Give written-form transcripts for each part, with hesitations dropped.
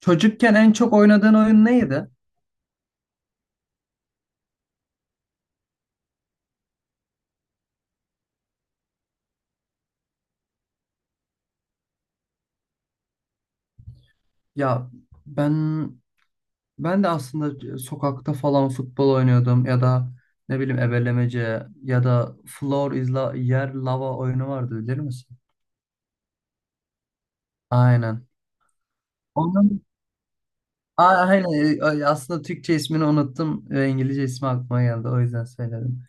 Çocukken en çok oynadığın oyun neydi? Ya ben ben de aslında sokakta falan futbol oynuyordum ya da ne bileyim ebelemece ya da floor is la yer lava oyunu vardı bilir misin? Aynen. Onun A- aynen e, Aslında Türkçe ismini unuttum ve İngilizce ismi aklıma geldi, o yüzden söyledim.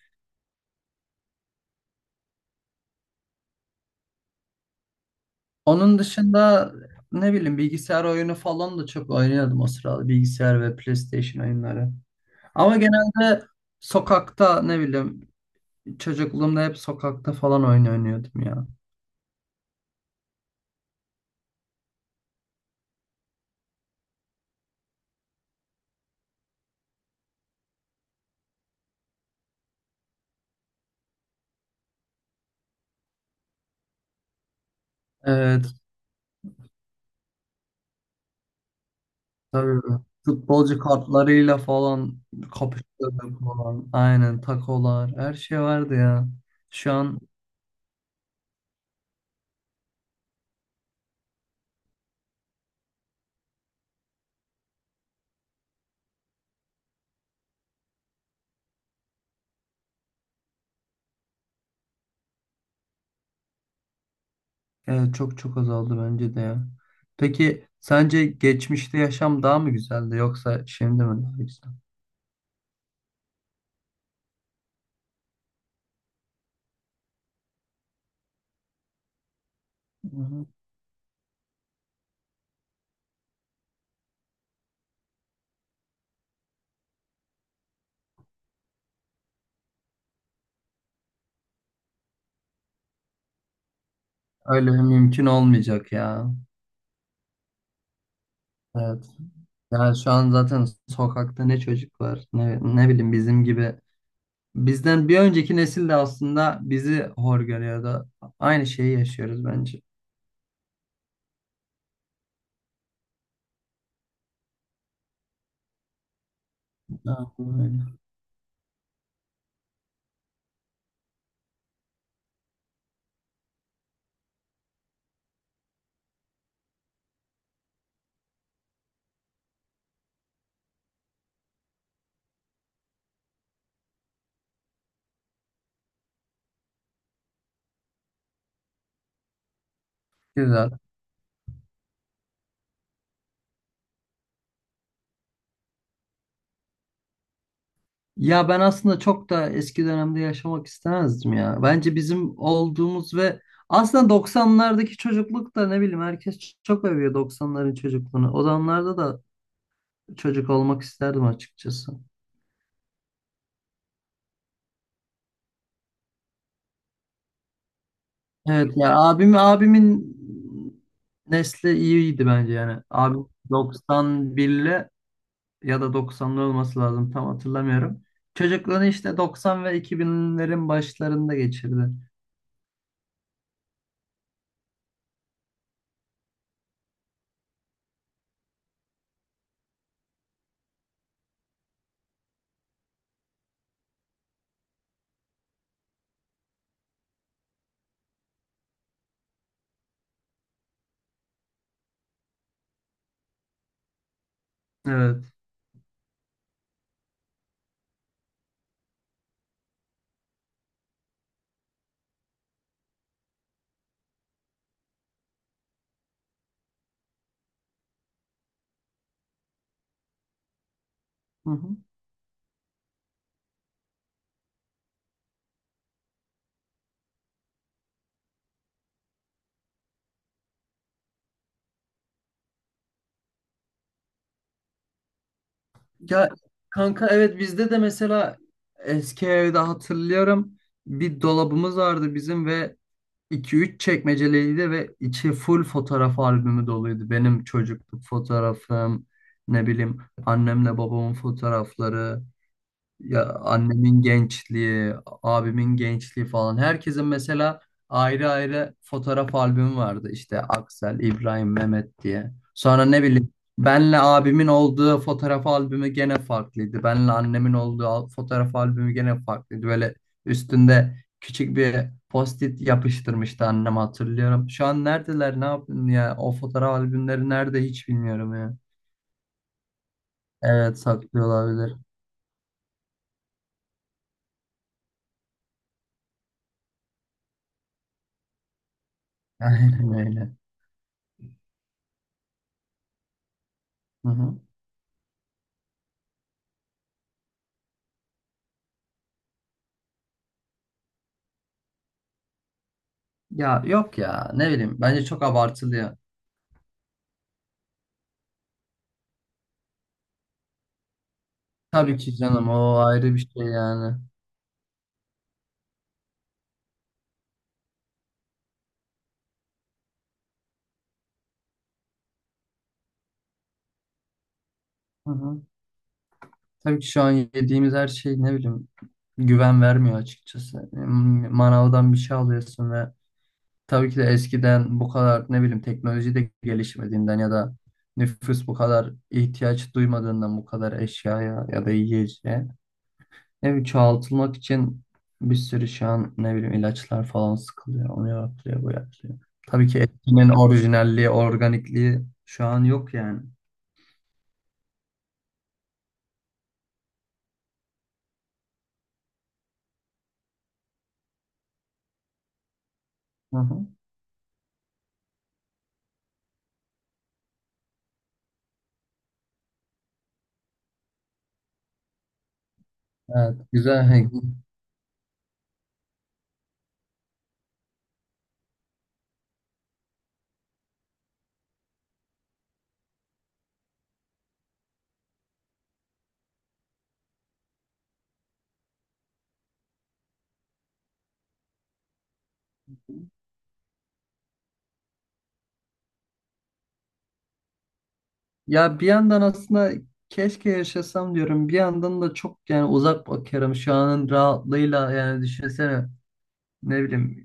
Onun dışında ne bileyim bilgisayar oyunu falan da çok oynuyordum o sırada, bilgisayar ve PlayStation oyunları. Ama genelde sokakta ne bileyim çocukluğumda hep sokakta falan oyun oynuyordum ya. Evet, tabii. Futbolcu kartlarıyla falan kapıştırdık falan. Aynen, takolar, her şey vardı ya. Şu an Çok çok azaldı bence de ya. Peki sence geçmişte yaşam daha mı güzeldi yoksa şimdi mi daha güzel? Hı hı. Öyle mümkün olmayacak ya. Evet. Yani şu an zaten sokakta ne çocuk var ne, ne bileyim bizim gibi bizden bir önceki nesil de aslında bizi hor görüyordu. Aynı şeyi yaşıyoruz bence. Aynen öyle. Güzel. Ya ben aslında çok da eski dönemde yaşamak istemezdim ya. Bence bizim olduğumuz ve aslında 90'lardaki çocukluk da, ne bileyim, herkes çok övüyor 90'ların çocukluğunu. O zamanlarda da çocuk olmak isterdim açıkçası. Evet ya, abimin nesli iyiydi bence yani. Abim 91'li ya da doksanlı olması lazım, tam hatırlamıyorum. Çocukluğunu işte 90 ve iki binlerin başlarında geçirdi. Evet. Hı hı. Ya kanka, evet, bizde de mesela eski evde hatırlıyorum, bir dolabımız vardı bizim ve iki üç çekmeceliydi ve içi full fotoğraf albümü doluydu. Benim çocukluk fotoğrafım, ne bileyim, annemle babamın fotoğrafları, ya annemin gençliği, abimin gençliği falan. Herkesin mesela ayrı ayrı fotoğraf albümü vardı. İşte Aksel, İbrahim, Mehmet diye. Sonra ne bileyim benle abimin olduğu fotoğraf albümü gene farklıydı. Benle annemin olduğu fotoğraf albümü gene farklıydı. Böyle üstünde küçük bir post-it yapıştırmıştı annem, hatırlıyorum. Şu an neredeler, ne yaptın ya? O fotoğraf albümleri nerede, hiç bilmiyorum ya. Evet, saklıyor olabilir. Aynen öyle. Hı hı. Ya yok ya, ne bileyim, bence çok abartılı ya. Tabii ki canım, o ayrı bir şey yani. Hı hı. Tabii ki şu an yediğimiz her şey, ne bileyim, güven vermiyor açıkçası. Manavdan bir şey alıyorsun ve tabii ki de eskiden bu kadar ne bileyim teknoloji de gelişmediğinden ya da nüfus bu kadar ihtiyaç duymadığından bu kadar eşyaya ya da yiyeceğe. Ne bileyim, çoğaltılmak için bir sürü şu an ne bileyim ilaçlar falan sıkılıyor. Onu yapıyor, bu yapıyor. Tabii ki etkinin orijinalliği, organikliği şu an yok yani. Hı hı. Evet, güzel. Hey. Ya bir yandan aslında keşke yaşasam diyorum. Bir yandan da çok, yani uzak bakıyorum şu anın rahatlığıyla, yani düşünsene, ne bileyim,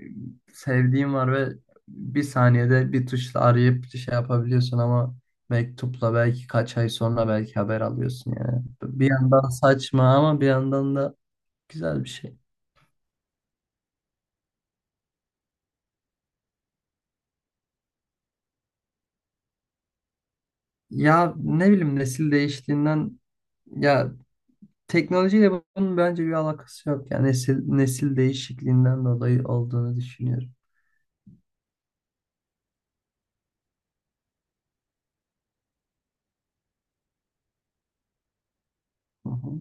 sevdiğim var ve bir saniyede bir tuşla arayıp şey yapabiliyorsun ama mektupla belki kaç ay sonra belki haber alıyorsun yani. Bir yandan saçma ama bir yandan da güzel bir şey. Ya ne bileyim, nesil değiştiğinden ya, teknolojiyle bunun bence bir alakası yok. Yani nesil değişikliğinden dolayı olduğunu düşünüyorum. Hı hı.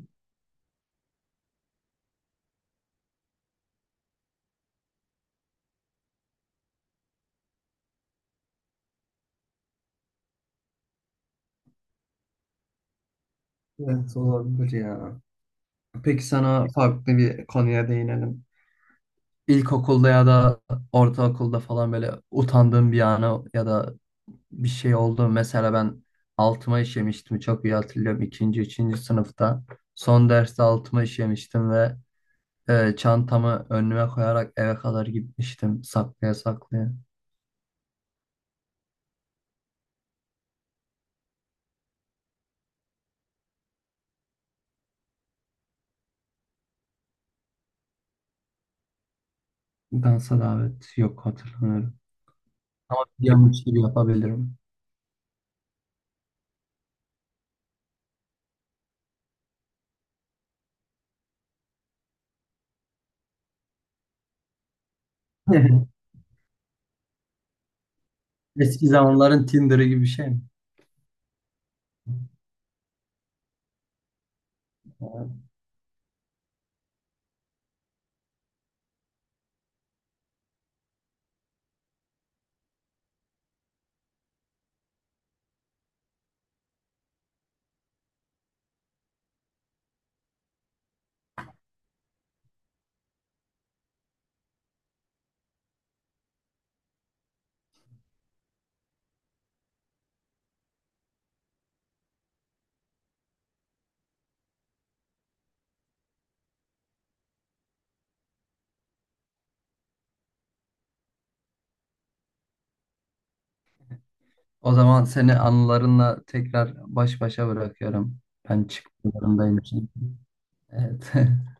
Evet, olabilir ya. Peki sana farklı bir konuya değinelim. İlkokulda ya da ortaokulda falan böyle utandığın bir anı ya da bir şey oldu. Mesela ben altıma işemiştim. Çok iyi hatırlıyorum. İkinci, üçüncü sınıfta. Son derste altıma işemiştim ve çantamı önüme koyarak eve kadar gitmiştim. Saklaya saklaya. Dansa davet, yok, hatırlamıyorum. Ama biliyormuş gibi yapabilirim. Eski zamanların Tinder'ı gibi bir şey mi? O zaman seni anılarınla tekrar baş başa bırakıyorum. Ben çıkmalarındayım, zorundayım çünkü. Evet.